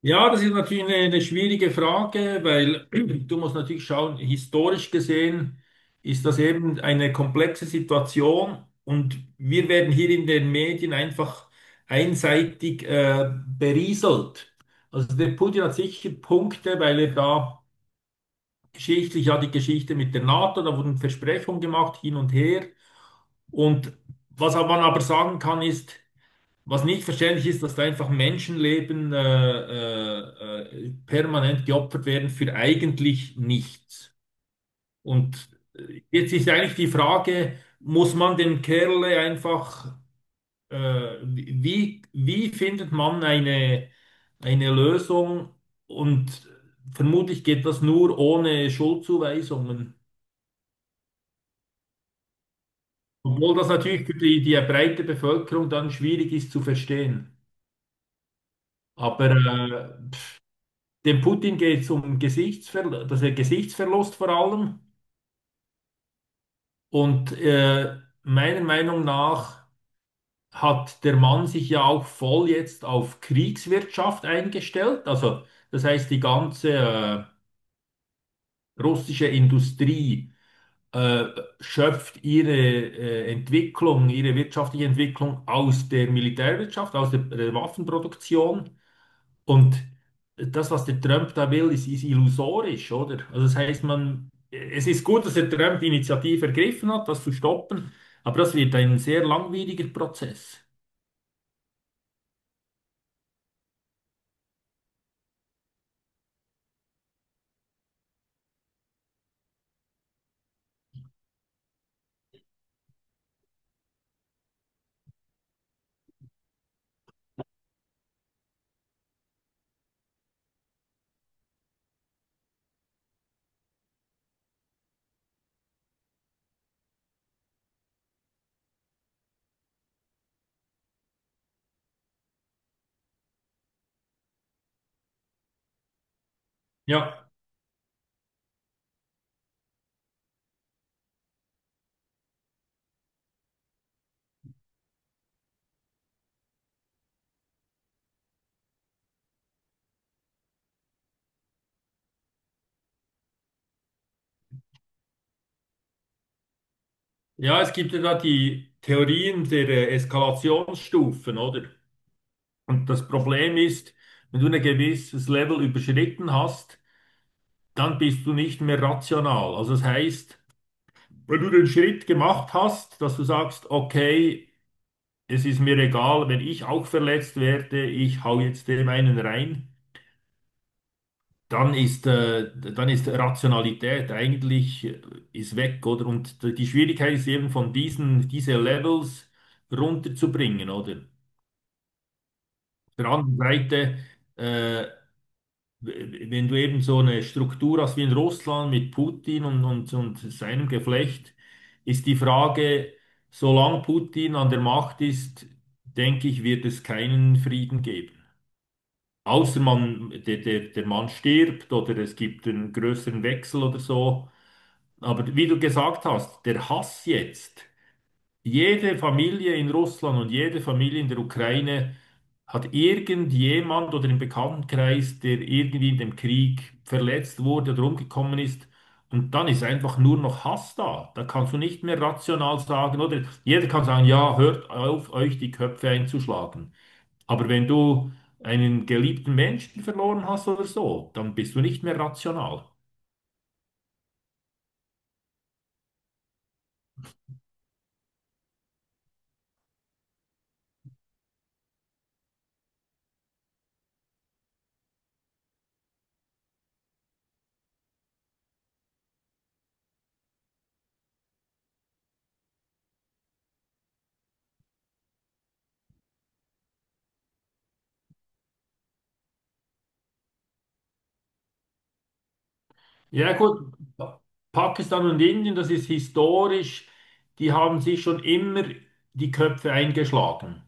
Ja, das ist natürlich eine schwierige Frage, weil du musst natürlich schauen, historisch gesehen ist das eben eine komplexe Situation und wir werden hier in den Medien einfach einseitig berieselt. Also der Putin hat sicher Punkte, weil er da geschichtlich ja die Geschichte mit der NATO, da wurden Versprechungen gemacht hin und her. Und was man aber sagen kann ist, was nicht verständlich ist, dass da einfach Menschenleben permanent geopfert werden für eigentlich nichts. Und jetzt ist eigentlich die Frage, muss man dem Kerl einfach, wie findet man eine Lösung? Und vermutlich geht das nur ohne Schuldzuweisungen. Obwohl das natürlich für die breite Bevölkerung dann schwierig ist zu verstehen. Aber äh, dem Putin geht es um Gesichtsver das ist Gesichtsverlust vor allem. Und meiner Meinung nach hat der Mann sich ja auch voll jetzt auf Kriegswirtschaft eingestellt. Also das heißt, die ganze russische Industrie äh, schöpft ihre Entwicklung, ihre wirtschaftliche Entwicklung aus der Militärwirtschaft, aus der Waffenproduktion. Und das, was der Trump da will, ist illusorisch, oder? Also das heißt, man, es ist gut, dass der Trump die Initiative ergriffen hat, das zu stoppen, aber das wird ein sehr langwieriger Prozess. Ja, ja, es gibt ja da die Theorien der Eskalationsstufen, oder? Und das Problem ist, wenn du ein gewisses Level überschritten hast, dann bist du nicht mehr rational. Also das heißt, wenn du den Schritt gemacht hast, dass du sagst, okay, es ist mir egal, wenn ich auch verletzt werde, ich hau jetzt dem einen rein, dann ist Rationalität eigentlich ist weg, oder? Und die Schwierigkeit ist eben von diese Levels runterzubringen, oder? Auf der anderen Seite, äh, wenn du eben so eine Struktur hast wie in Russland mit Putin und seinem Geflecht, ist die Frage, solange Putin an der Macht ist, denke ich, wird es keinen Frieden geben. Außer man, der Mann stirbt oder es gibt einen größeren Wechsel oder so. Aber wie du gesagt hast, der Hass jetzt, jede Familie in Russland und jede Familie in der Ukraine hat irgendjemand oder im Bekanntenkreis, der irgendwie in dem Krieg verletzt wurde oder umgekommen ist. Und dann ist einfach nur noch Hass da. Da kannst du nicht mehr rational sagen, oder jeder kann sagen, ja, hört auf, euch die Köpfe einzuschlagen. Aber wenn du einen geliebten Menschen verloren hast oder so, dann bist du nicht mehr rational. Ja gut, Pakistan und Indien, das ist historisch, die haben sich schon immer die Köpfe eingeschlagen.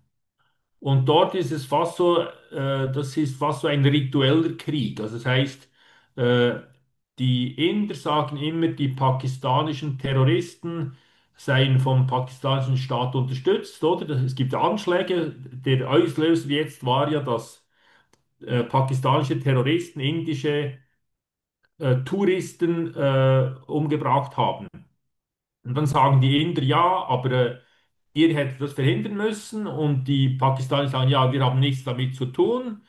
Und dort ist es fast so, das ist fast so ein ritueller Krieg. Also das heißt, äh, die Inder sagen immer, die pakistanischen Terroristen seien vom pakistanischen Staat unterstützt, oder? Das- Es gibt Anschläge. Der Auslöser jetzt war ja, dass pakistanische Terroristen indische Touristen umgebracht haben. Und dann sagen die Inder, ja, aber ihr hättet das verhindern müssen und die Pakistanis sagen, ja, wir haben nichts damit zu tun.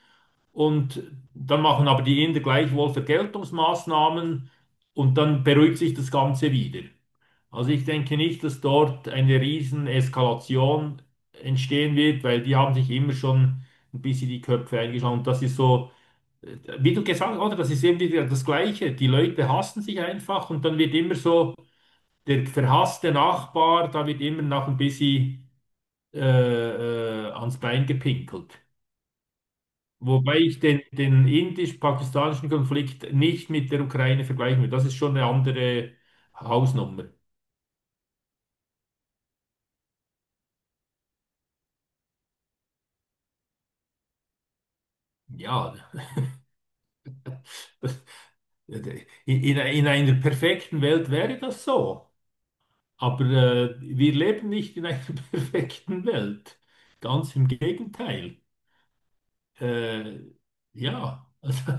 Und dann machen aber die Inder gleichwohl Vergeltungsmaßnahmen und dann beruhigt sich das Ganze wieder. Also ich denke nicht, dass dort eine riesen Eskalation entstehen wird, weil die haben sich immer schon ein bisschen die Köpfe eingeschlagen. Und das ist so, wie du gesagt hast, oder? Das ist eben wieder das Gleiche. Die Leute hassen sich einfach und dann wird immer so der verhasste Nachbar, da wird immer noch ein bisschen ans Bein gepinkelt. Wobei ich den indisch-pakistanischen Konflikt nicht mit der Ukraine vergleichen will. Das ist schon eine andere Hausnummer. Ja, das, in, in einer perfekten Welt wäre das so. Aber wir leben nicht in einer perfekten Welt. Ganz im Gegenteil. Äh, ja, also,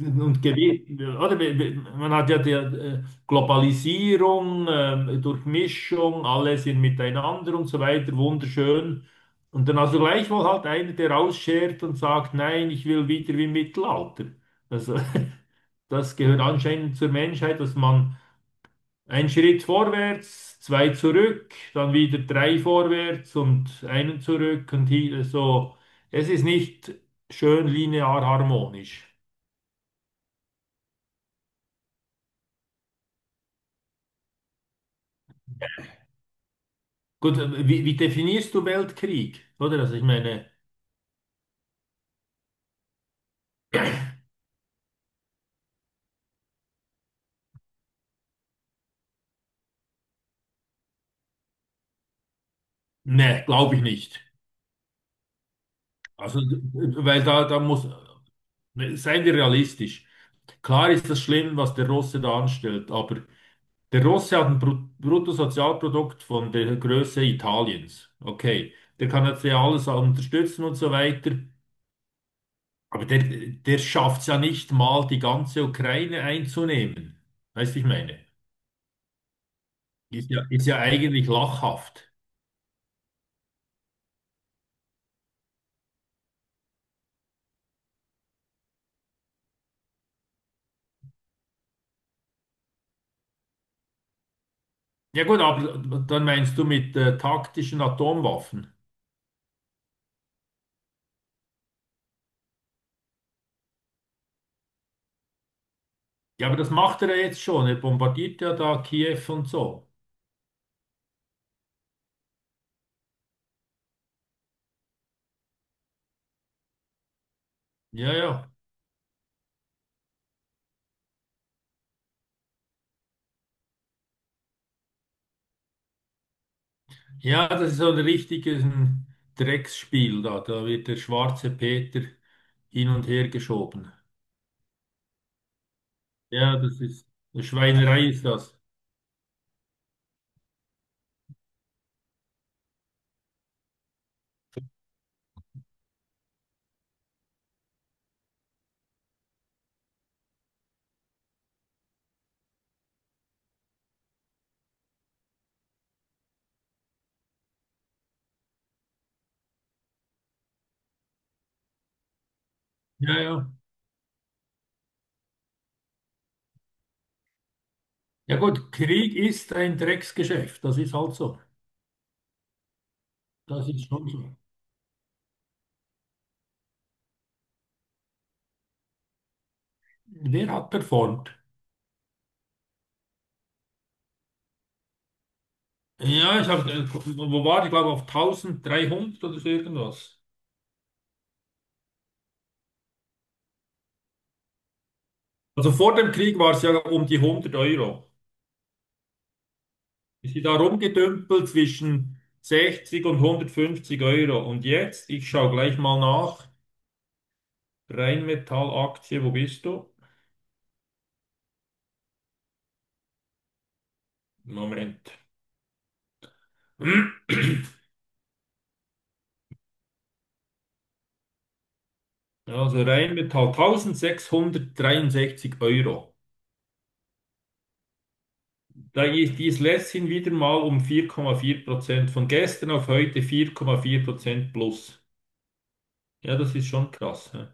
und oder? Man hat ja die Globalisierung, Durchmischung, alle sind miteinander und so weiter, wunderschön. Und dann also gleichwohl halt einer, der rausschert und sagt, nein, ich will wieder wie im Mittelalter. Also, das gehört anscheinend zur Menschheit, dass man einen Schritt vorwärts, zwei zurück, dann wieder drei vorwärts und einen zurück und hier, so. Es ist nicht schön linear harmonisch. Gut, wie definierst du Weltkrieg? Oder? Also ich meine, ne, glaube ich nicht. Also, weil da muss, ne, seien wir realistisch. Klar ist das schlimm, was der Russe da anstellt, aber der Russe hat ein Bruttosozialprodukt von der Größe Italiens. Okay, der kann jetzt ja alles unterstützen und so weiter, aber der schafft es ja nicht mal, die ganze Ukraine einzunehmen. Weißt du, ich meine, ist ja eigentlich lachhaft. Ja gut, aber dann meinst du mit taktischen Atomwaffen. Ja, aber das macht er ja jetzt schon. Er bombardiert ja da Kiew und so. Ja, ja. Ja, das ist so ein richtiges ein Drecksspiel da. Da wird der schwarze Peter hin und her geschoben. Ja, das ist eine Schweinerei ist das. Ja, ja. Ja gut, Krieg ist ein Drecksgeschäft. Das ist halt so. Das ist schon so. Wer hat performt? Ja, ich habe, wo war ich, glaube auf 1300 oder so irgendwas. Also vor dem Krieg war es ja um die 100 Euro. Ich bin da rumgedümpelt zwischen 60 und 150 Euro. Und jetzt, ich schaue gleich mal nach. Rheinmetall-Aktie, wo bist du? Moment. Also Rheinmetall 1663 Euro. Da ist dies letzthin wieder mal um 4,4%. Von gestern auf heute 4,4% plus. Ja, das ist schon krass. Hä?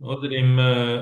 Oder im,